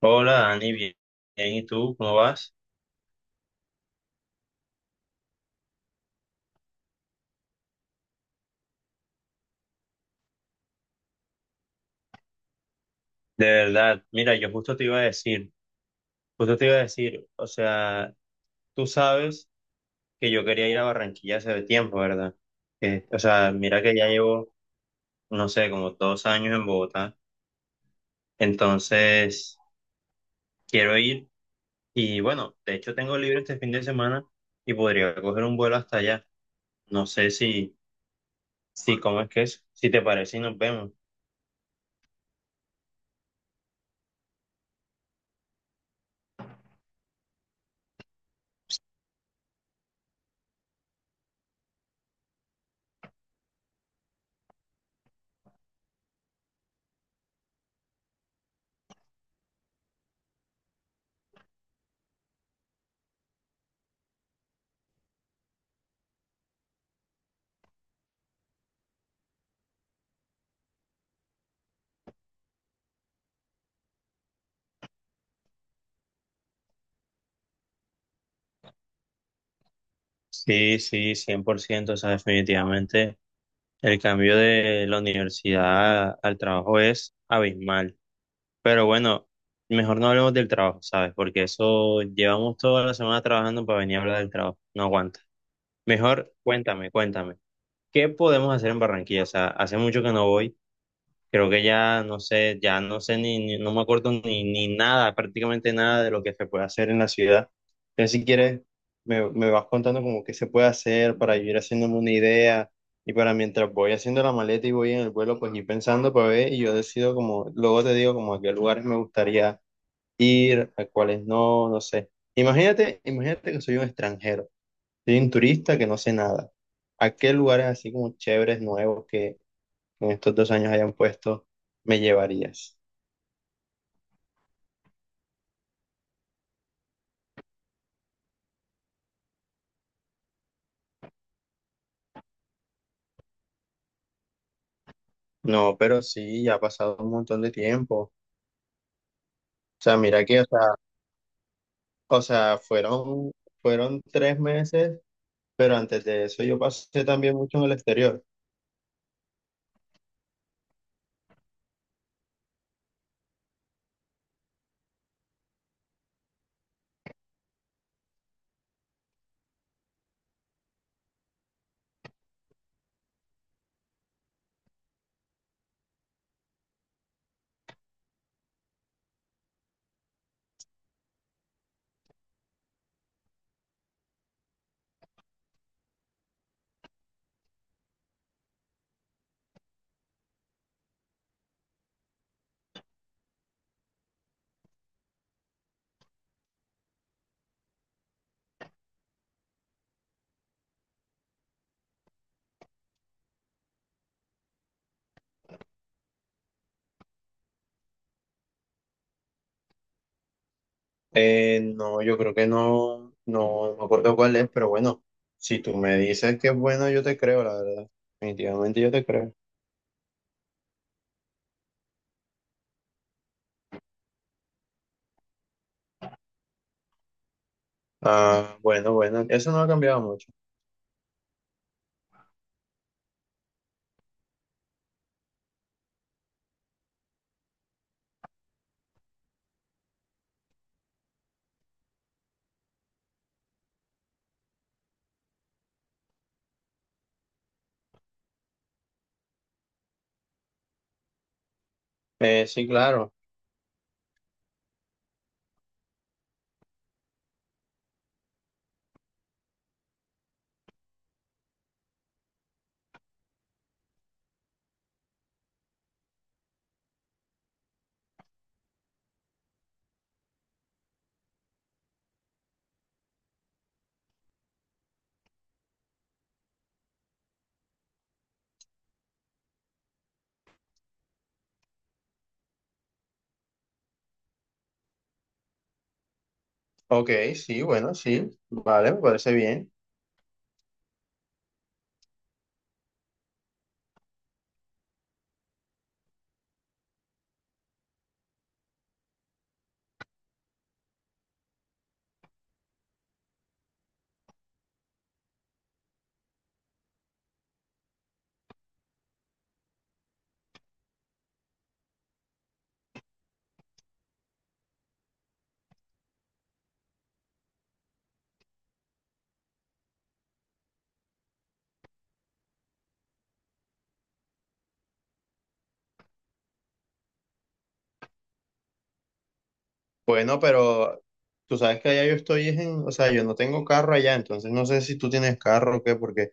Hola Dani, bien, bien, ¿y tú cómo vas? De verdad, mira, yo justo te iba a decir, justo te iba a decir, o sea, tú sabes que yo quería ir a Barranquilla hace tiempo, ¿verdad? Que, o sea, mira que ya llevo, no sé, como 2 años en Bogotá, entonces quiero ir y bueno, de hecho tengo libre este fin de semana y podría coger un vuelo hasta allá. No sé si, ¿cómo es que es? Si te parece y nos vemos. Sí, sí, 100% o sea, definitivamente. El cambio de la universidad al trabajo es abismal. Pero bueno, mejor no hablemos del trabajo, ¿sabes? Porque eso llevamos toda la semana trabajando para venir a hablar del trabajo. No aguanta. Mejor cuéntame, cuéntame. ¿Qué podemos hacer en Barranquilla? O sea, hace mucho que no voy. Creo que ya no sé, no me acuerdo ni nada, prácticamente nada de lo que se puede hacer en la ciudad. Entonces, si quieres, me vas contando como qué se puede hacer para yo ir haciéndome una idea y para mientras voy haciendo la maleta y voy en el vuelo, pues ir pensando para ver y yo decido como, luego te digo como a qué lugares me gustaría ir, a cuáles no, no sé. Imagínate, imagínate que soy un extranjero, soy un turista que no sé nada. ¿A qué lugares así como chéveres, nuevos que en estos 2 años hayan puesto, me llevarías? No, pero sí, ya ha pasado un montón de tiempo. O sea, mira que, o sea, fueron 3 meses, pero antes de eso yo pasé también mucho en el exterior. No, yo creo que no, no me acuerdo cuál es, pero bueno, si tú me dices que es bueno, yo te creo, la verdad. Definitivamente yo te creo. Ah, bueno, bueno, eso no ha cambiado mucho. Sí, claro. Ok, sí, bueno, sí, vale, me parece bien. Bueno, pero tú sabes que allá yo estoy es en, o sea, yo no tengo carro allá, entonces no sé si tú tienes carro o qué, porque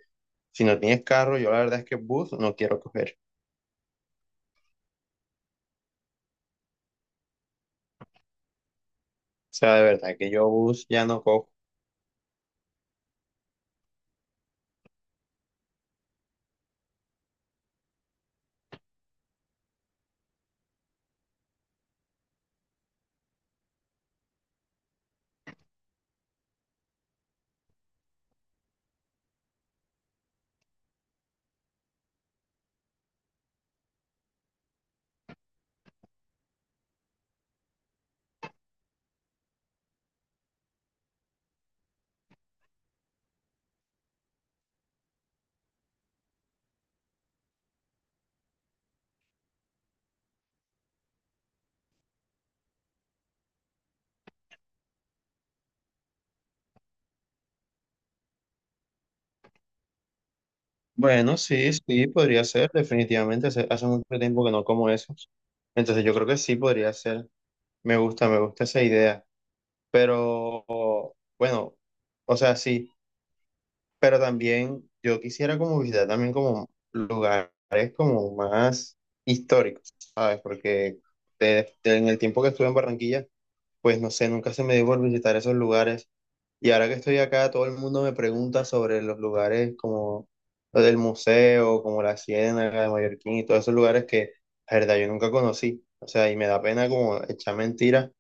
si no tienes carro, yo la verdad es que bus no quiero coger. O sea, de verdad que yo bus ya no cojo. Bueno, sí, sí, podría ser, definitivamente. Hace mucho tiempo que no como esos. Entonces yo creo que sí podría ser. Me gusta esa idea. Pero, bueno, o sea, sí. Pero también yo quisiera como visitar también como lugares como más históricos, ¿sabes? Porque en el tiempo que estuve en Barranquilla, pues no sé, nunca se me dio por visitar esos lugares. Y ahora que estoy acá, todo el mundo me pregunta sobre los lugares como los del museo, como la Ciénaga de Mallorquín y todos esos lugares que, la verdad, yo nunca conocí. O sea, y me da pena como echar mentiras.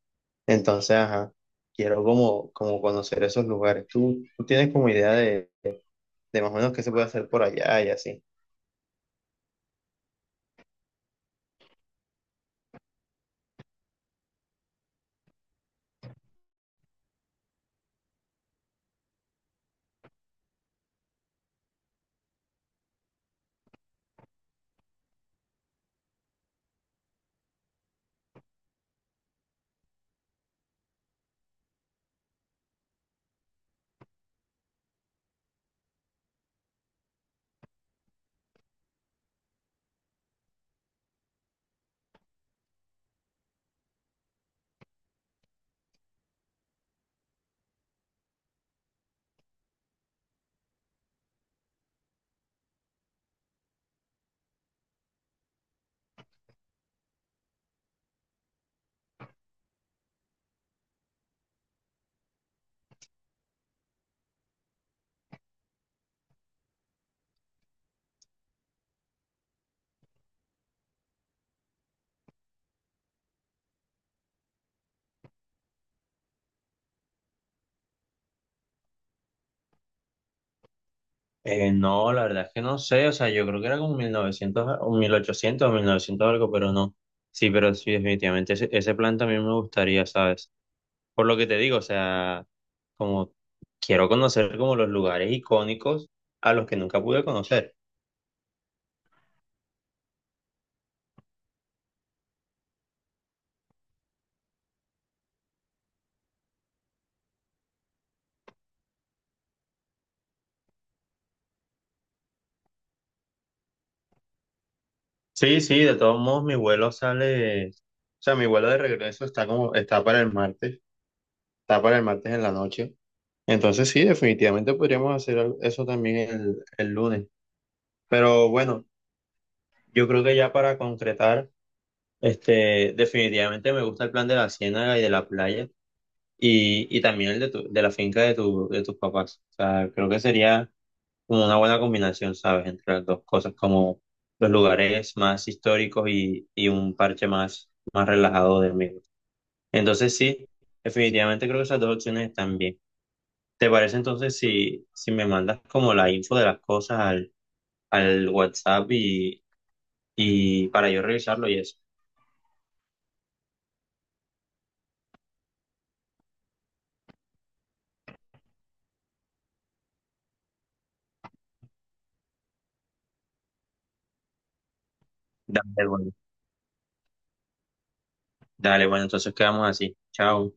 Entonces, ajá, quiero como conocer esos lugares. ¿Tú tienes como idea de más o menos qué se puede hacer por allá y así? No, la verdad es que no sé, o sea, yo creo que era como 1900 o 1800 o 1900 algo, pero no. Sí, pero sí, definitivamente ese plan también me gustaría, ¿sabes? Por lo que te digo, o sea, como quiero conocer como los lugares icónicos a los que nunca pude conocer. Sí, sí, de todos modos mi vuelo sale, o sea, mi vuelo de regreso está para el martes en la noche. Entonces sí, definitivamente podríamos hacer eso también el lunes. Pero bueno, yo creo que ya para concretar, este, definitivamente me gusta el plan de la ciénaga y de la playa y también el de la finca de tus papás. O sea, creo que sería como una buena combinación, ¿sabes? Entre las dos cosas, como los lugares más históricos y un parche más relajado del mismo. Entonces sí, definitivamente creo que esas dos opciones están bien. ¿Te parece entonces si me mandas como la info de las cosas al WhatsApp y para yo revisarlo y eso? Dale, bueno. Dale, bueno, entonces quedamos así. Chao.